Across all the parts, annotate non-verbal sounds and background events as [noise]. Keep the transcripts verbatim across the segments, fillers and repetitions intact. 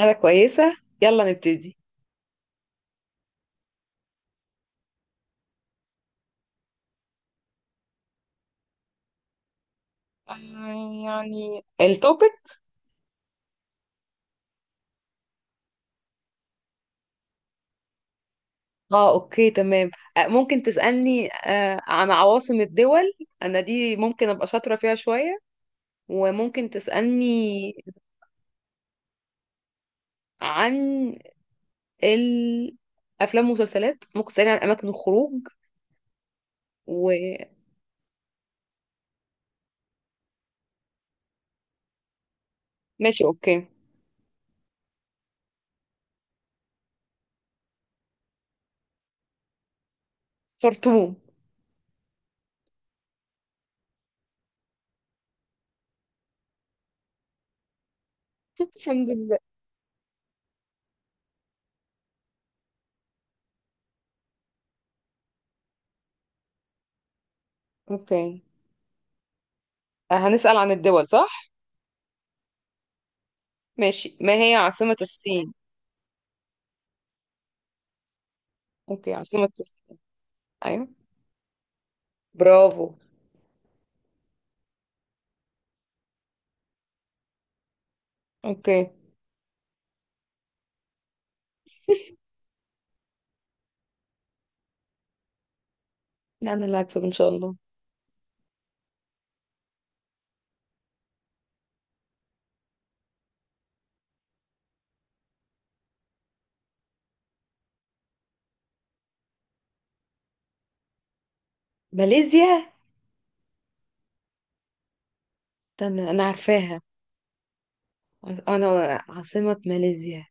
انا كويسة، يلا نبتدي. آه، يعني التوبيك. اه اوكي تمام. آه، ممكن تسألني آه، عن عواصم الدول. انا دي ممكن ابقى شاطرة فيها شوية، وممكن تسألني عن الافلام والمسلسلات. ممكن تسألني عن اماكن الخروج وماشي. اوكي. شطوم. [laughs] الحمد لله. اوكي، آه، هنسأل عن الدول صح؟ ماشي، ما هي عاصمة الصين؟ اوكي عاصمة، ايوه. برافو. اوكي. لا، انا اللي هكسب ان شاء الله. ماليزيا، استنى انا عارفاها. عاص- انا عاصمة ماليزيا،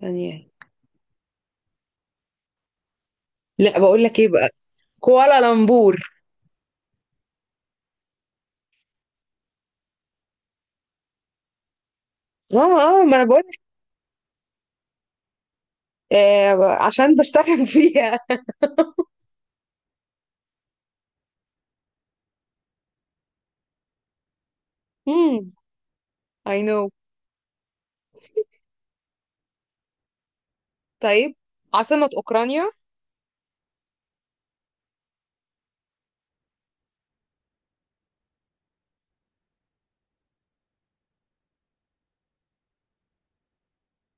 ثانية. لا بقول لك ايه بقى. كوالالمبور. اه. اه ما انا بقول لك، آه، عشان بشتغل [laughs] فيها. امم اي نو. طيب عاصمة اوكرانيا.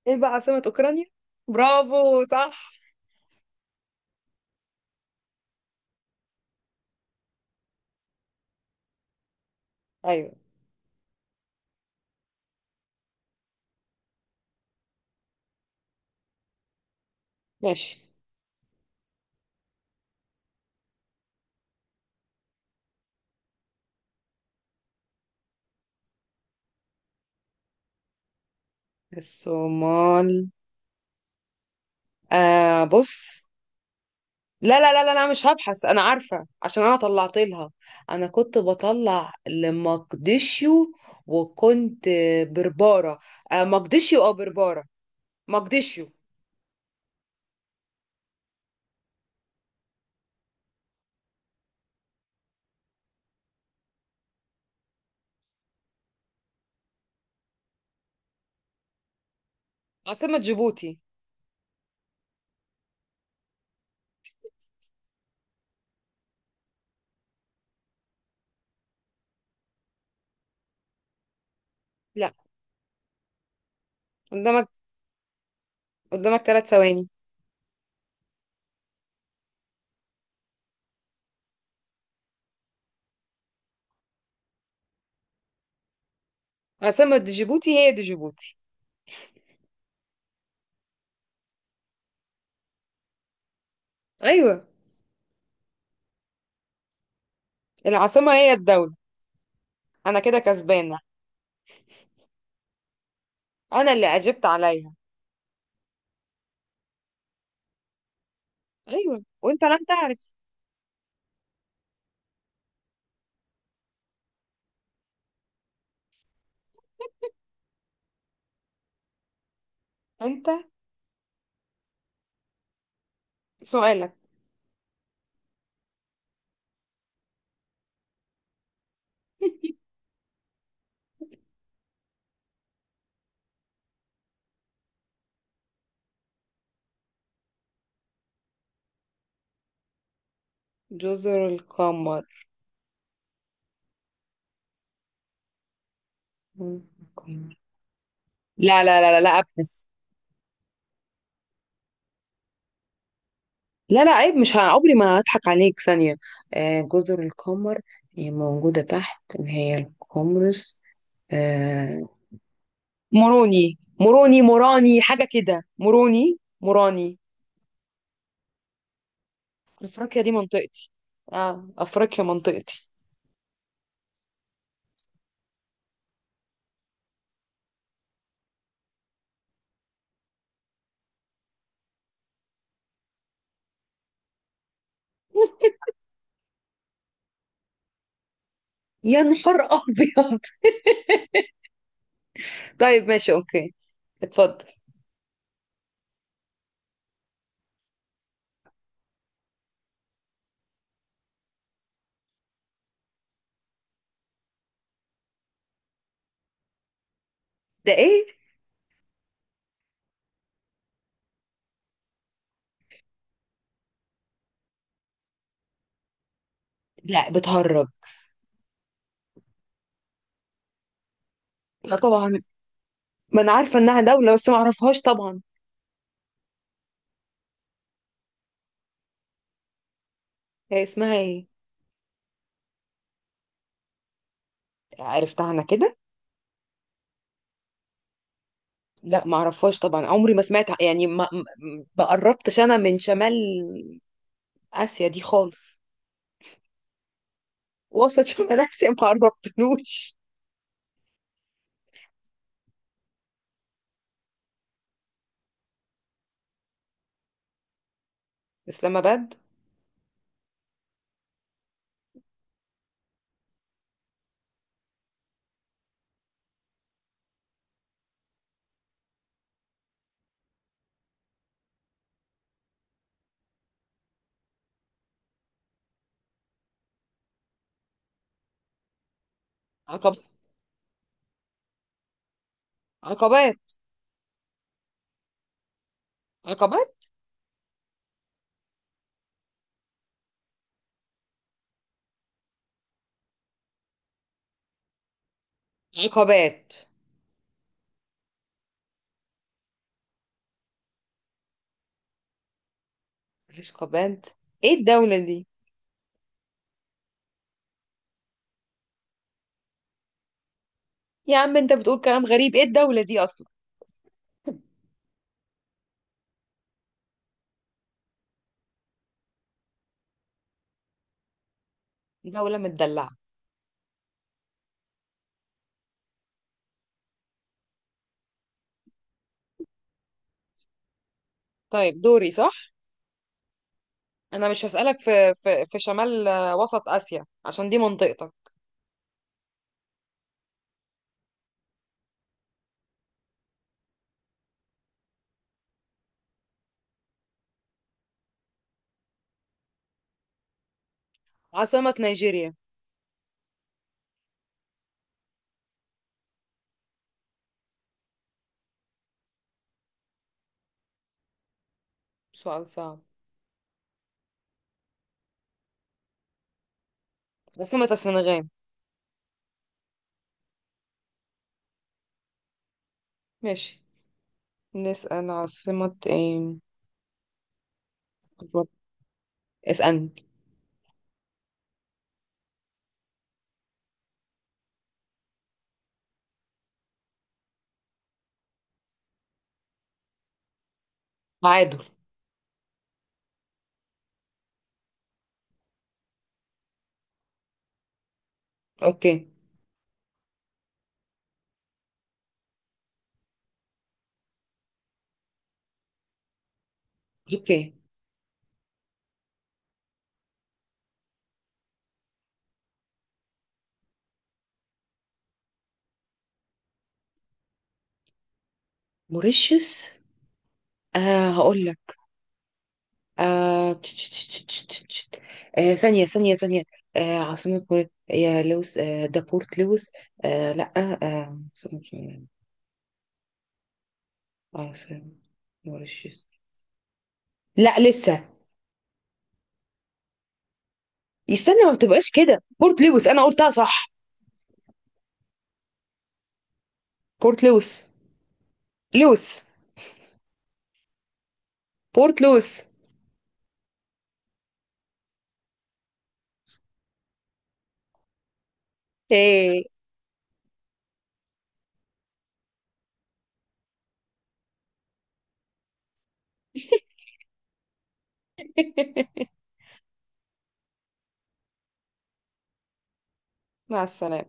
ايه بقى عاصمة اوكرانيا. برافو، صح. ايوه، ماشي. الصومال، آه بص. لا لا لا لا، انا مش هبحث، انا عارفه عشان انا طلعت لها. انا كنت بطلع لمقدشيو، وكنت برباره. آه، مقدشيو او برباره. مقدشيو. عاصمه جيبوتي. لا، قدامك، قدامك ثلاث ثواني. عاصمه جيبوتي هي دي، جيبوتي. ايوه، العاصمه هي الدوله، انا كده كسبانه. انا اللي اجبت عليها. ايوه وانت لم تعرف. انت، سؤالك. جزر القمر. لا لا لا لا لا، ابحث. لا لا عيب، مش ه- عمري ما هضحك عليك ثانية. آه جزر القمر، هي موجودة تحت اللي هي القمرس. آه، مروني مروني موراني، حاجة كده، مروني موراني. أفريقيا دي منطقتي. اه أفريقيا منطقتي. يا نهار أبيض. [laughs] طيب ماشي أوكي، اتفضل. ده إيه؟ لا بتهرج. لا طبعا، ما أنا عارفة إنها دولة بس ما أعرفهاش طبعا. هي اسمها إيه؟ عرفتها أنا كده. لا ما اعرفهاش طبعا، عمري ما سمعت يعني، ما ما قربتش انا من شمال اسيا دي خالص. وسط شمال اسيا ما قربتلوش. اسلام اباد. عقب. عقبات. عقبات. عقبات، مش عقبات. ايه الدولة دي؟ يا عم انت بتقول كلام غريب، ايه الدولة دي اصلا؟ دولة متدلعة. طيب دوري صح، انا مش هسألك في في في شمال، آه، وسط اسيا عشان دي منطقتك. عاصمة نيجيريا. سؤال صعب. عاصمة السنغال. ماشي، نسأل عاصمة ايه. بالظبط. اسألني. تعادل. اوكي. اوكي. موريشيوس. آه هقول لك. آه... تش- تش- تش- تش- تش- تش. آه، ثانية ثانية ثانية. آه عاصمة موريت هي لوس، آه دابورت لوس. آه لا آه عاصمة، عاصمة موريشيوس. لا لسه، استنى، ما بتبقاش كده، بورت لوس، انا قلتها صح. بورت لوس، لوس، بورت لوس. ايه. [laughs] مع السلامة.